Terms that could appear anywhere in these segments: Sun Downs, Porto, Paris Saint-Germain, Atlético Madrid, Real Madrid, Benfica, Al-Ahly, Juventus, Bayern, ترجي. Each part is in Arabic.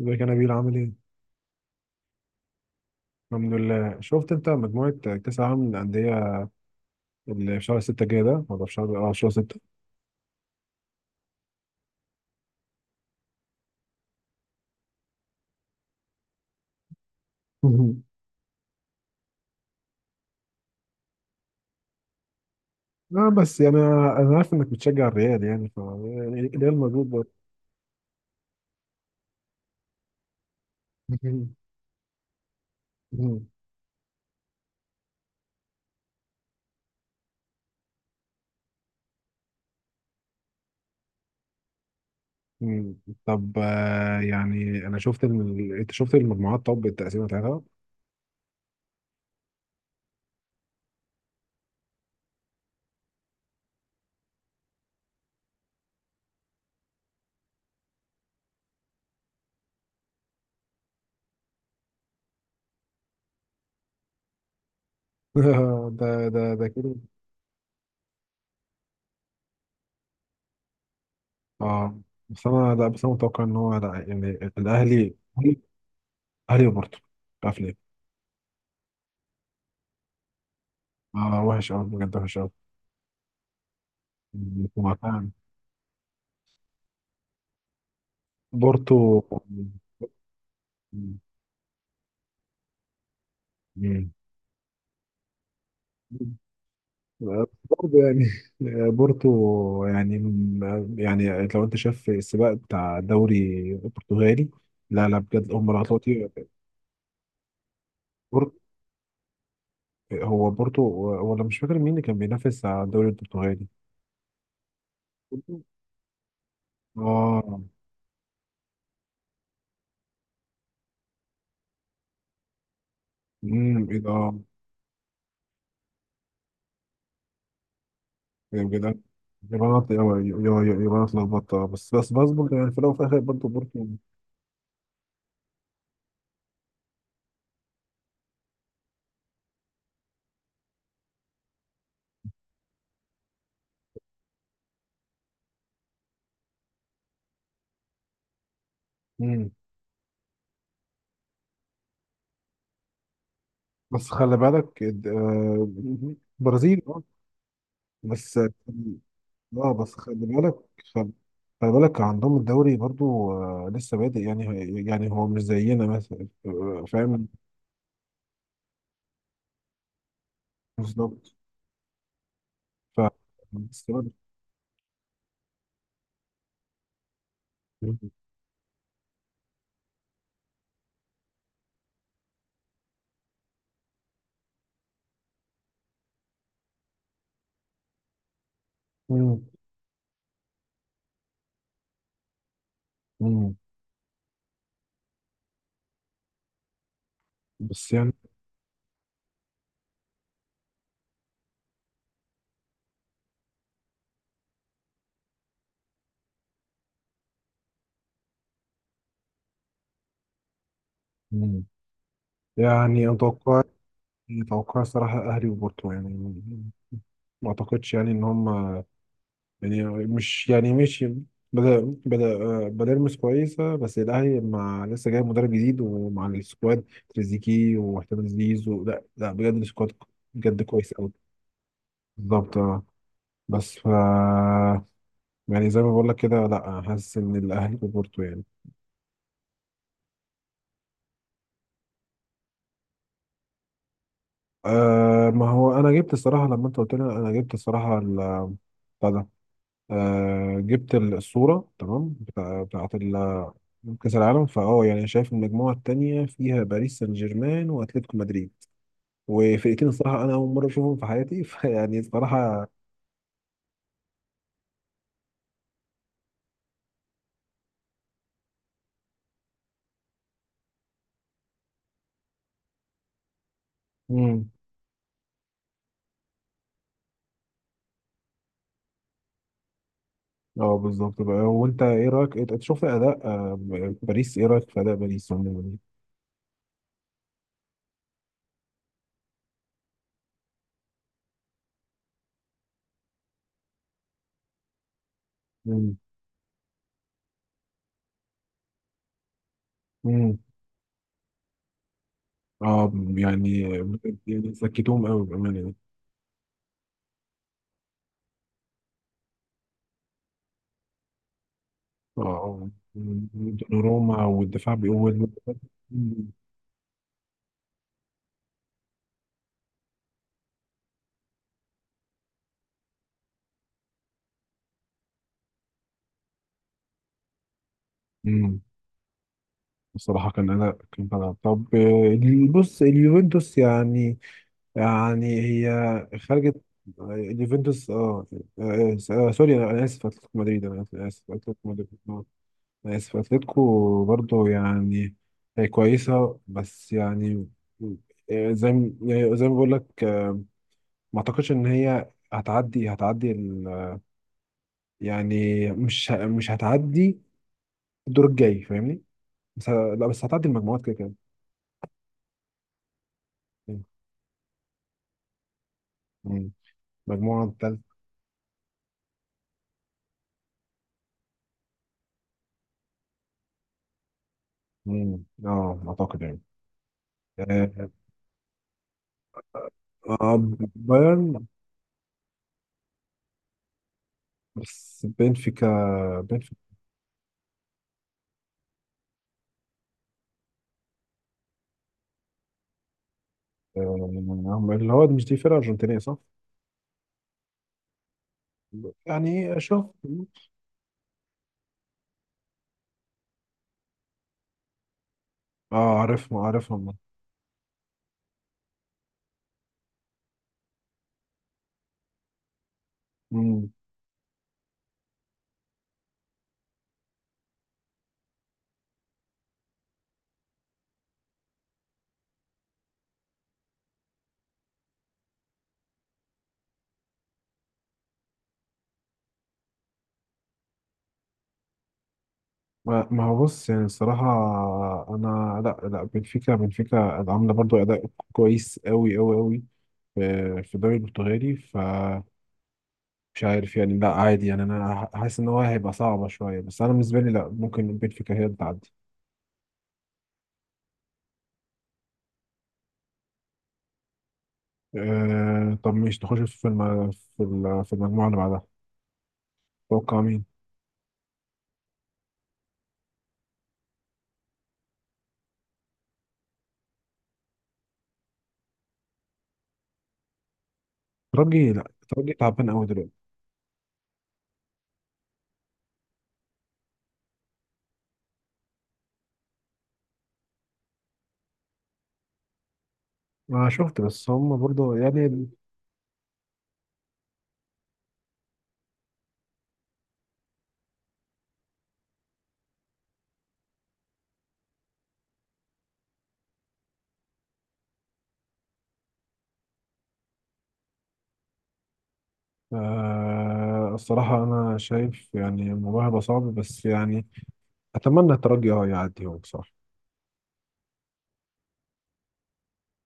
ازيك يا نبيل عامل ايه؟ الحمد لله شفت انت مجموعة كأس العالم للأندية اللي في شهر ستة الجاي ده ولا في شهر شهر ستة. مهم. اه بس يعني أنا عارف انك بتشجع الريال يعني يعني الريال موجود برضه. مهم. مهم. مم. طب يعني انا شفت انت شفت المجموعات، طب التقسيمة بتاعتها. ده كده. اه بس انا لا بس انا متوقع ان هو لا يعني الاهلي، اهلي وبورتو، مش عارف ليه. اه وحش قوي، بجد وحش قوي بورتو. مم. برضه يعني. بورتو يعني، يعني لو انت شايف السباق بتاع دوري البرتغالي، لا لا بجد هم العطاطي بورتو. هو بورتو، ولا مش فاكر مين اللي كان بينافس على الدوري البرتغالي. اه. امم، ايه ده آه،. إيه بجد. يبقى انا يبقى أنا اتلخبطت آه، بس برضه يعني في الاول وفي الاخر برضه بورتو. مم. بس خلي بالك آه، برازيل آه، بس لا بس خلي بالك، خلي, خلي بالك عندهم الدوري برضو آه، لسه بادئ يعني. يعني هو مش زينا مثلا آه، فاهم. بالظبط. ف، لسه بادئ. مم. مم. بس يعني. مم. يعني اتوقع، اتوقع صراحة اهلي وبورتو يعني. ما اعتقدش يعني ان هم يعني، مش يعني ماشي. بدأ بدأ بدأ يلمس كويسة، بس الأهلي مع لسه جاي مدرب جديد ومع السكواد تريزيكي واحتمال زيزو، لا لا بجد السكواد بجد كويس أوي. بالظبط اه. بس ف يعني زي ما بقول لك كده، لا حاسس إن الأهلي وبورتو يعني. آه ما هو أنا جبت الصراحة لما أنت قلت لي، أنا جبت الصراحة بتاع ده، آه جبت الصورة تمام بتاعت كأس العالم. فأه يعني شايف المجموعة التانية فيها باريس سان جيرمان وأتلتيكو مدريد وفرقتين الصراحة أنا أول مرة أشوفهم في حياتي. فيعني الصراحة. مم. اه بالظبط بقى، وأنت إيه رأيك، إنت شفت أداء آه، باريس؟ إيه رأيك في أداء باريس عموما؟ مم. مم. اه يعني، يعني سكتوهم قوي بأمانة يعني. اه آه. روما والدفاع بيقول. مم. بصراحة كان أنا طب آه، بص اليوفنتوس يعني، يعني هي خرجت آه، اليوفنتوس اه آه، آه، سوري أنا آسف أتلتيكو مدريد، أنا آسف آسف، أتلتيكو مدريد آه، أنا آسف أتلتيكو برضه يعني، هي كويسة بس يعني آه، زي ما- يعني زي ما بقول لك آه، ما أعتقدش إن هي هتعدي يعني مش هتعدي الدور الجاي فاهمني؟ لا بس هتعدي المجموعات كده كده. مم. مجموعة. مم. اه اعتقد يعني. آه آه، بايرن. بس بنفيكا، بنفيكا آه، اللي هو مش دي فرقة أرجنتينية صح؟ يعني أشوف. اه عارفهم. مم. ما ما هو بص يعني الصراحة، أنا لا لا بنفيكا، بنفيكا عاملة برضو أداء كويس أوي أوي أوي في الدوري البرتغالي، فمش عارف يعني، لا عادي يعني، أنا حاسس إن هو هيبقى صعبة شوية، بس أنا بالنسبة لي لا، ممكن بنفيكا هي اللي تعدي. آه طب مش نخش في في في المجموعة اللي بعدها. توقع مين؟ ترجي، لا ترجي تعبان قوي دلوقتي. أنا شفت بس هم برضه يعني. آه الصراحة أنا شايف يعني الموضوع هيبقى صعب، بس يعني أتمنى الترجي أه يعدي هو بصراحة.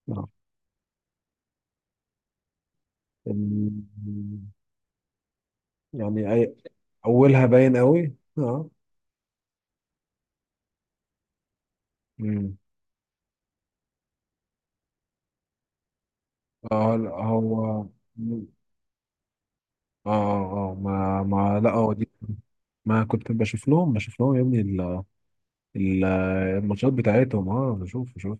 آه. ال-. يعني أي. أولها باين قوي أه. مم. أه لا هو أه. أه آه، ما ما لا هو دي. ما كنت بشوف لهم يا ابني ال- الماتشات بتاعتهم، اه بشوف.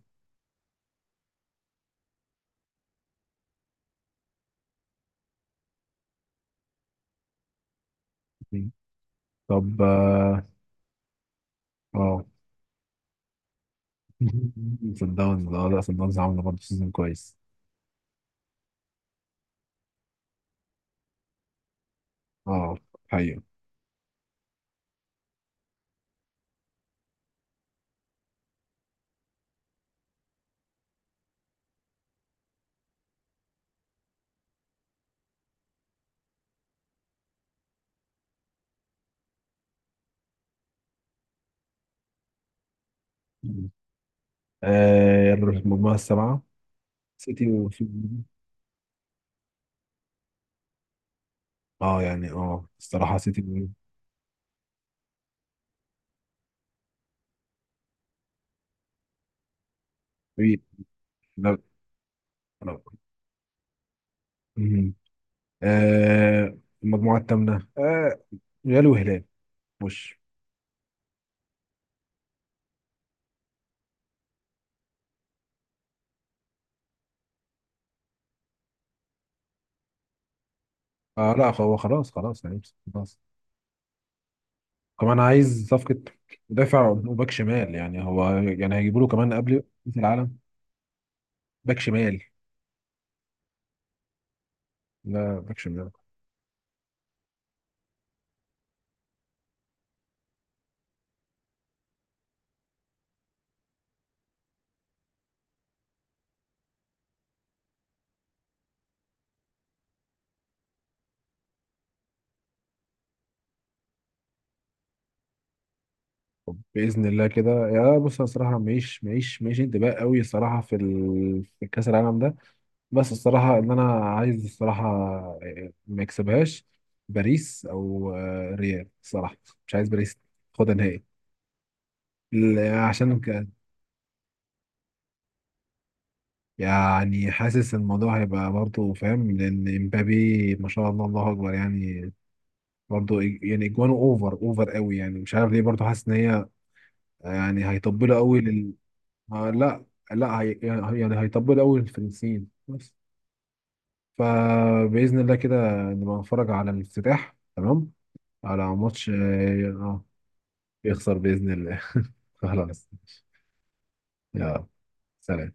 طب اه. آه. صن داونز، اه لا صن داونز عامله برضه سيزون كويس. اه. حقيقة. آه المجموعة السبعة، سيتي و، اه يعني اه الصراحة سيتي و-. إيه،. لا. لا. مم. آه المجموعة الثامنة آه، ريال وهلال وش. اه لا هو خلاص خلاص يعني. خلاص. كمان عايز صفقة مدافع وباك شمال يعني، هو يعني هيجيبوا له كمان قبل كأس العالم. باك شمال. لا باك شمال. طب بإذن الله كده يا بص، أنا الصراحة ماليش انتباه قوي الصراحة في في كأس العالم ده. بس الصراحة إن أنا عايز الصراحة آه، ما يكسبهاش باريس، أو آه، ريال الصراحة. مش عايز باريس تاخدها نهائي. عشان يعني حاسس الموضوع هيبقى برضه فاهم، لأن امبابي ما شاء الله الله أكبر يعني، برضه يعني اجوانه اوفر قوي يعني، مش عارف ليه برضه حاسس ان هي يعني هيطبلوا قوي لل. آه لا، لا هي يعني، يعني هيطبلوا قوي للفرنسيين بس. فباذن الله كده نبقى نتفرج على الافتتاح تمام، على ماتش اه آه، يخسر باذن الله. خلاص. يلا سلام.